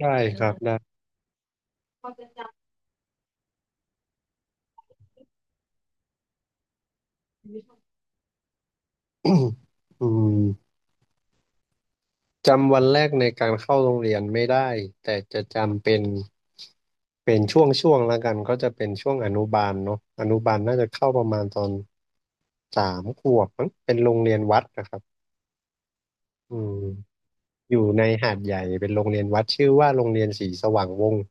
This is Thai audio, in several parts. ได้ครับได้ อืมจำวันแรกในการเข้าโรงเรียนไม่ได้แต่จะจำเป็นเป็นช่วงแล้วกันก็จะเป็นช่วงอนุบาลเนาะอนุบาลน่าจะเข้าประมาณตอน3 ขวบมั้งเป็นโรงเรียนวัดนะครับอืมอยู่ในหาดใหญ่เป็นโรงเรียนวัดชื่อว่าโรงเรียนศรีสว่างวงศ์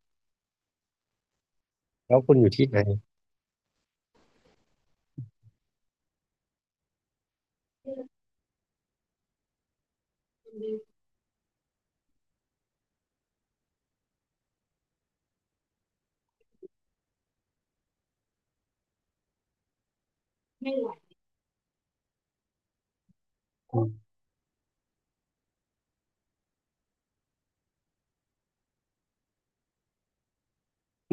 แล้วคุณอยู่ที่ไหน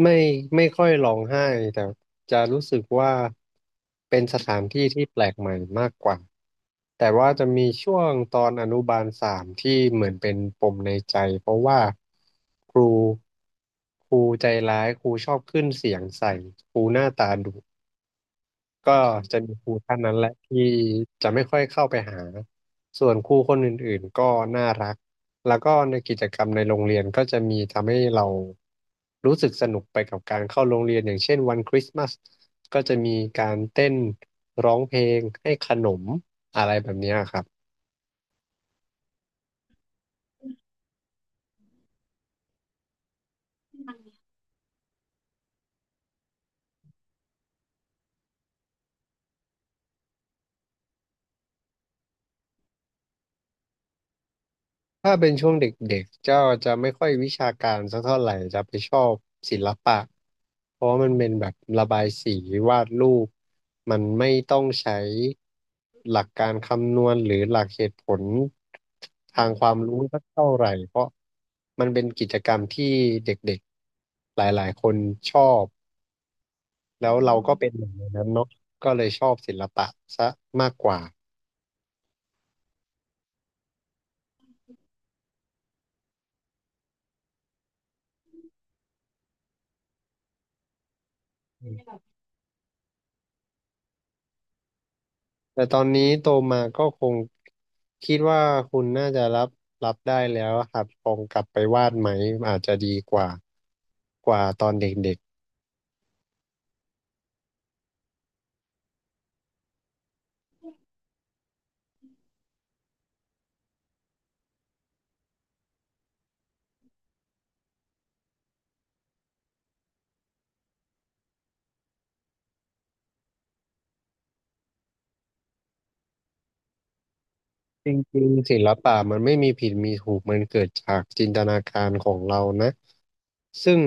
ไม่ไม่ค่อยร้องไห้แต่จะรู้สึกว่าเป็นสถานที่ที่แปลกใหม่มากกว่าแต่ว่าจะมีช่วงตอนอนุบาล 3ที่เหมือนเป็นปมในใจเพราะว่าครูครูใจร้ายครูชอบขึ้นเสียงใส่ครูหน้าตาดุ ก็จะมีครูท่านนั้นแหละที่จะไม่ค่อยเข้าไปหาส่วนครูคนอื่นๆก็น่ารักแล้วก็ในกิจกรรมในโรงเรียนก็จะมีทำให้เรารู้สึกสนุกไปกับการเข้าโรงเรียนอย่างเช่นวันคริสต์มาสก็จะมีการเต้นร้องเพลงให้ขนมอะไรแบบเนี้ยครับ ถ้าเป็นช่วงเด็กๆเจ้าจะไม่ค่อยวิชาการสักเท่าไหร่จะไปชอบศิลปะเพราะว่ามันเป็นแบบระบายสีวาดรูปมันไม่ต้องใช้หลักการคำนวณหรือหลักเหตุผลทางความรู้สักเท่าไหร่เพราะมันเป็นกิจกรรมที่เด็กๆหลายๆคนชอบแล้วเราก็เป็นหนึ่งในนั้นเนาะก็เลยชอบศิลปะซะมากกว่า แต่ตอนนี้โตมาก็คงคิดว่าคุณน่าจะรับได้แล้วอะครับคงกลับไปวาดไหมอาจจะดีกว่าตอนเด็กๆ จริงๆศิลปะมันไม่มีผิดมีถูกมันเกิดจากจินตนาการของเรานะซึ่ง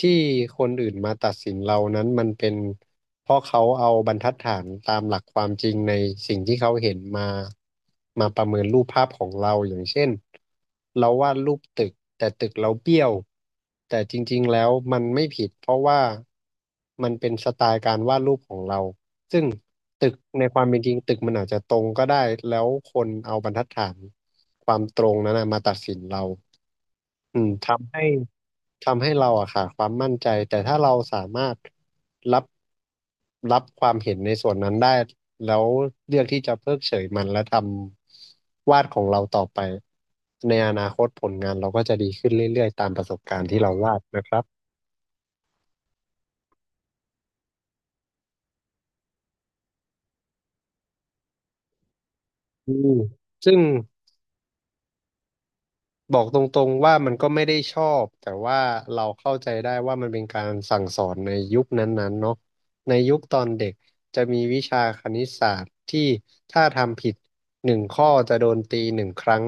ที่คนอื่นมาตัดสินเรานั้นมันเป็นเพราะเขาเอาบรรทัดฐานตามหลักความจริงในสิ่งที่เขาเห็นมามาประเมินรูปภาพของเราอย่างเช่นเราวาดรูปตึกแต่ตึกเราเบี้ยวแต่จริงๆแล้วมันไม่ผิดเพราะว่ามันเป็นสไตล์การวาดรูปของเรา ซึ่งตึกในความเป็นจริงตึกมันอาจจะตรงก็ได้แล้วคนเอาบรรทัดฐานความตรงนั้นนะมาตัดสินเราอืมทำให้ทำให้เราอะค่ะความมั่นใจแต่ถ้าเราสามารถรับรับความเห็นในส่วนนั้นได้แล้วเลือกที่จะเพิกเฉยมันและทำวาดของเราต่อไปในอนาคตผลงานเราก็จะดีขึ้นเรื่อยๆตามประสบการณ์ที่เราวาดนะครับอืมซึ่ง บอกตรงๆว่ามันก็ไม่ได้ชอบแต่ว่าเราเข้าใจได้ว่ามันเป็นการสั่งสอนในยุคนั้นๆเนาะในยุคตอนเด็กจะมีวิชาคณิตศาสตร์ที่ถ้าทำผิด1 ข้อจะโดนตี1 ครั้ง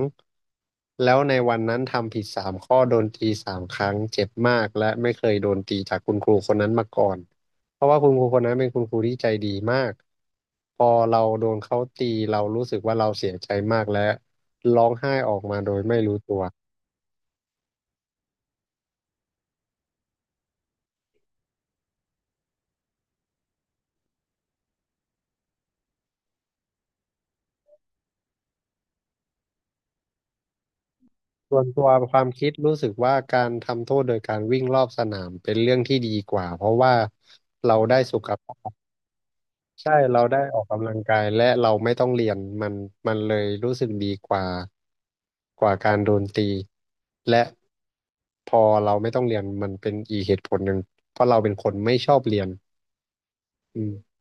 แล้วในวันนั้นทำผิด3 ข้อโดนตี3 ครั้งเจ็บมากและไม่เคยโดนตีจากคุณครูคนนั้นมาก่อนเพราะว่าคุณครูคนนั้นเป็นคุณครูที่ใจดีมากพอเราโดนเขาตีเรารู้สึกว่าเราเสียใจมากและร้องไห้ออกมาโดยไม่รู้ตัว ส่วนตัวความคิดรู้สึกว่าการทำโทษโดยการวิ่งรอบสนามเป็นเรื่องที่ดีกว่าเพราะว่าเราได้สุขภาพใช่เราได้ออกกำลังกายและเราไม่ต้องเรียนมันมันเลยรู้สึกดีกว่าการโดนตีและพอเราไม่ต้องเรียนมันเป็นอีกเหตุผลหนึ่งเพราะเราเป็นคนไม่ชอบเรียนอืม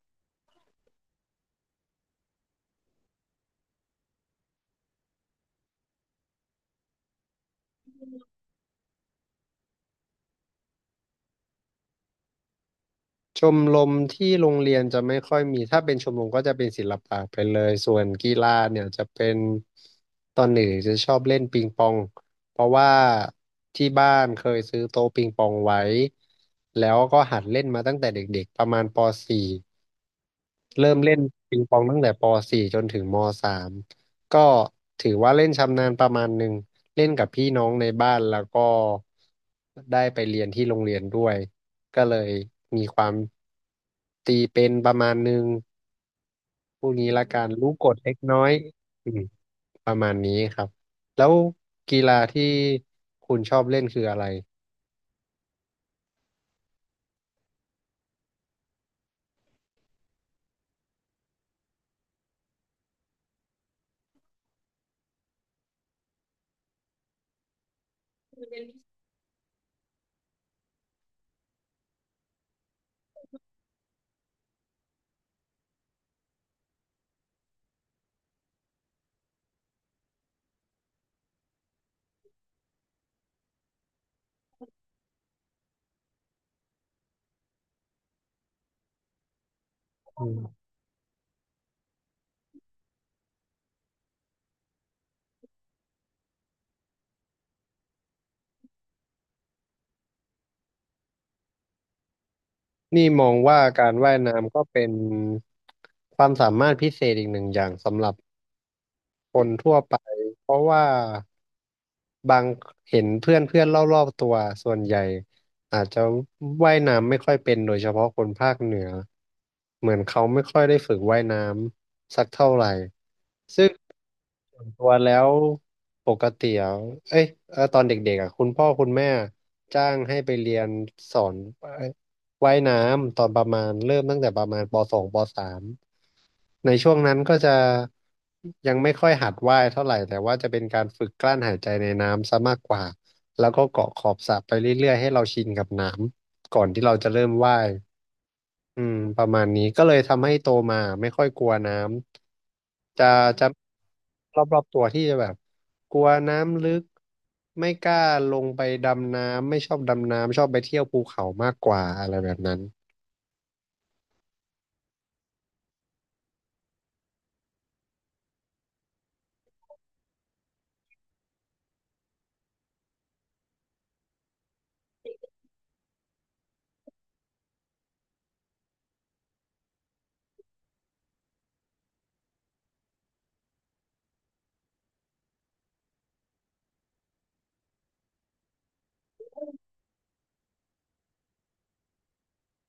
ชมรมที่โรงเรียนจะไม่ค่อยมี ถ้าเป็นชมรมก็จะเป็นศิลปะไปเลย ส่วนกีฬาเนี่ยจะเป็นตอนหนึ่งจะชอบเล่นปิงปองเพราะว่าที่บ้านเคยซื้อโต๊ะปิงปองไว้ แล้วก็หัดเล่นมาตั้งแต่เด็กๆประมาณปสี่ เริ่มเล่นปิงปองตั้งแต่ปสี่จนถึงมสามก็ถือว่าเล่นชำนาญประมาณหนึ่งเล่นกับพี่น้องในบ้านแล้วก็ได้ไปเรียนที่โรงเรียนด้วยก็เลยมีความตีเป็นประมาณหนึ่งพวกนี้ละกันรู้กฎเล็กน้อยอืมประมาณนี้ครับแล้วกีฬาที่คุณชอบเล่นคืออะไรอืมนี่มองว่าการว่ายน้ำก็เป็นความสามารถพิเศษอีกหนึ่งอย่างสำหรับ คนทั่วไปเพราะว่าบางเห็นเพื่อนเพื่อนรอบๆตัวส่วนใหญ่อาจจะว่ายน้ำไม่ค่อยเป็นโดยเฉพาะคนภาคเหนือเหมือนเขาไม่ค่อยได้ฝึกว่ายน้ำสักเท่าไหร่ซึ่ง ส่วนตัวแล้วปกติอ่ะเอ้ยเอ่อตอนเด็กๆอ่ะคุณพ่อคุณแม่จ้างให้ไปเรียนสอนว่ายน้ำตอนประมาณเริ่มตั้งแต่ประมาณป.2ป.3ในช่วงนั้นก็จะยังไม่ค่อยหัดว่ายเท่าไหร่แต่ว่าจะเป็นการฝึกกลั้นหายใจในน้ำซะมากกว่าแล้วก็เกาะขอบสระไปเรื่อยๆให้เราชินกับน้ำก่อนที่เราจะเริ่มว่าย อืมประมาณนี้ก็เลยทำให้โตมาไม่ค่อยกลัวน้ำจะรอบๆตัวที่จะแบบกลัวน้ำลึกไม่กล้าลงไปดำน้ำไม่ชอบดำน้ำชอบไปเที่ยวภูเขามากกว่าอะไรแบบนั้น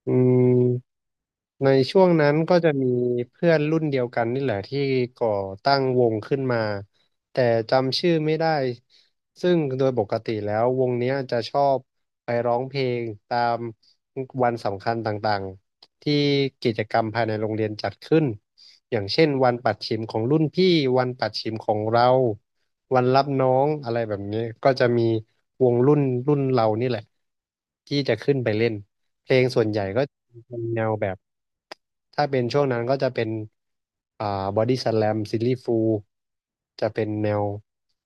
อืม ในช่วงนั้นก็จะมีเพื่อนรุ่นเดียวกันนี่แหละที่ก่อตั้งวงขึ้นมาแต่จำชื่อไม่ได้ซึ่งโดยปกติแล้ววงเนี้ยจะชอบไปร้องเพลงตามวันสำคัญต่างๆที่กิจกรรมภายในโรงเรียนจัดขึ้นอย่างเช่นวันปัดฉิมของรุ่นพี่วันปัดฉิมของเราวันรับน้องอะไรแบบนี้ก็จะมีวงรุ่นเรานี่แหละที่จะขึ้นไปเล่นเพลงส่วนใหญ่ก็ เป็นแนวแบบถ้าเป็นช่วงนั้นก็จะเป็นอ่าบอดี้สแลมซิลลี่ฟูลจะเป็นแนว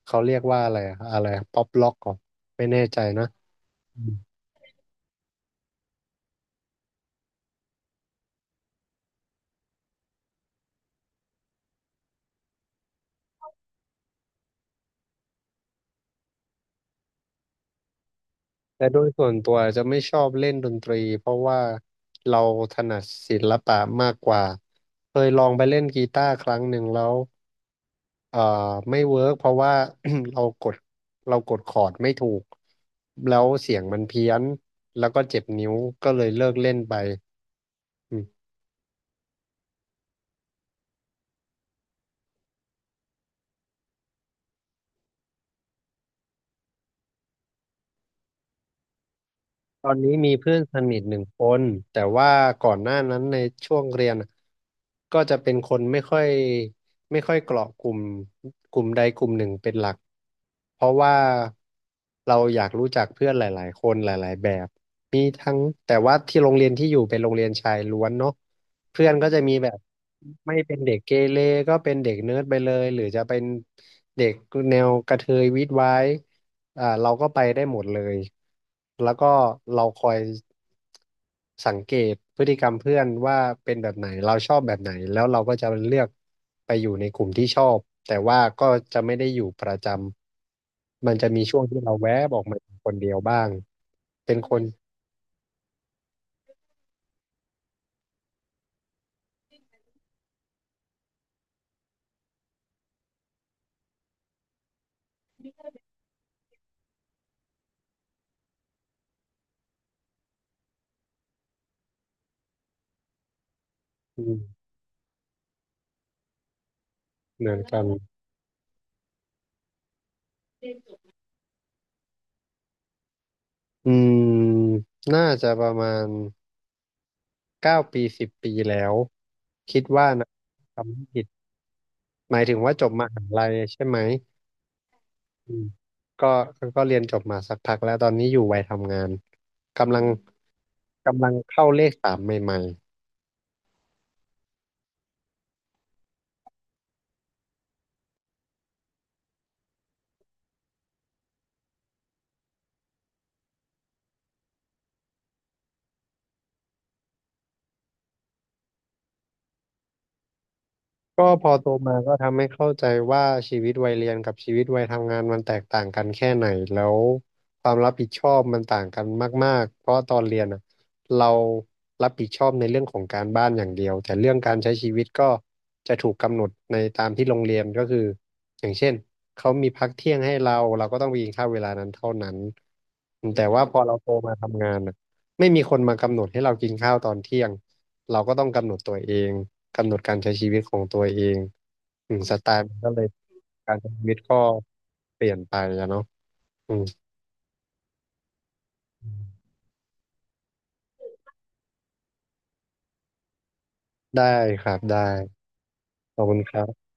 เขาเรียกว่าอะไรป๊อปล็อกก่อนไม่แน่ใจนะอืมแต่โดยส่วนตัวจะไม่ชอบเล่นดนตรีเพราะว่าเราถนัดศิลปะมากกว่าเคยลองไปเล่นกีตาร์ครั้งหนึ่งแล้วเอ่อไม่เวิร์กเพราะว่า เรากดเรากดคอร์ดไม่ถูกแล้วเสียงมันเพี้ยนแล้วก็เจ็บนิ้วก็เลยเลิกเล่นไป อืมตอนนี้มีเพื่อนสนิทหนึ่งคนแต่ว่าก่อนหน้านั้นในช่วงเรียนอะก็จะเป็นคนไม่ค่อยเกาะกลุ่มกลุ่มใดกลุ่มหนึ่งเป็นหลักเพราะว่าเราอยากรู้จักเพื่อนหลายๆคนหลายๆแบบมีทั้งแต่ว่าที่โรงเรียนที่อยู่เป็นโรงเรียนชายล้วนเนาะเพื่อนก็จะมีแบบไม่เป็นเด็กเกเรก็เป็นเด็กเนิร์ดไปเลยหรือจะเป็นเด็กแนวกระเทยวิดไว้ เราก็ไปได้หมดเลยแล้วก็เราคอยสังเกตพฤติกรรมเพื่อนว่าเป็นแบบไหนเราชอบแบบไหนแล้วเราก็จะเลือกไปอยู่ในกลุ่มที่ชอบแต่ว่าก็จะไม่ได้อยู่ประจำมันจะมีช่วงที่เราแวบออกมาคนเดียวบ้างเป็นคนอืมเหมือนกันอืมน่าจะประมาณ9 ปี10 ปีแล้วคิดว่านะทำไม่ผิดหมายถึงว่าจบมหาลัยใช่ไหม อืมก็ก็เรียนจบมาสักพักแล้วตอนนี้อยู่วัยทำงานกำลังกำลังเข้าเลขสามใหม่ ก็พอโตมาก็ทำให้เข้าใจว่าชีวิตวัยเรียนกับชีวิตวัยทำงานมันแตกต่างกันแค่ไหนแล้วความรับผิดชอบมันต่างกันมากๆเพราะตอนเรียนอ่ะเรารับผิดชอบในเรื่องของการบ้านอย่างเดียวแต่เรื่องการใช้ชีวิตก็จะถูกกำหนดในตามที่โรงเรียนก็คืออย่างเช่นเขามีพักเที่ยงให้เราเราก็ต้องไปกินข้าวเวลานั้นเท่านั้นแต่ว่าพอเราโตมาทำงานอ่ะไม่มีคนมากำหนดให้เรากินข้าวตอนเที่ยงเราก็ต้องกำหนดตัวเอง กำหนดการใช้ชีวิตของตัวเองสไตล์มันก็เลยการใช้ชีวิตก็เปลี่ยนไปอะเนาะอืมได้ครับ ได้ ขอบคุณครับ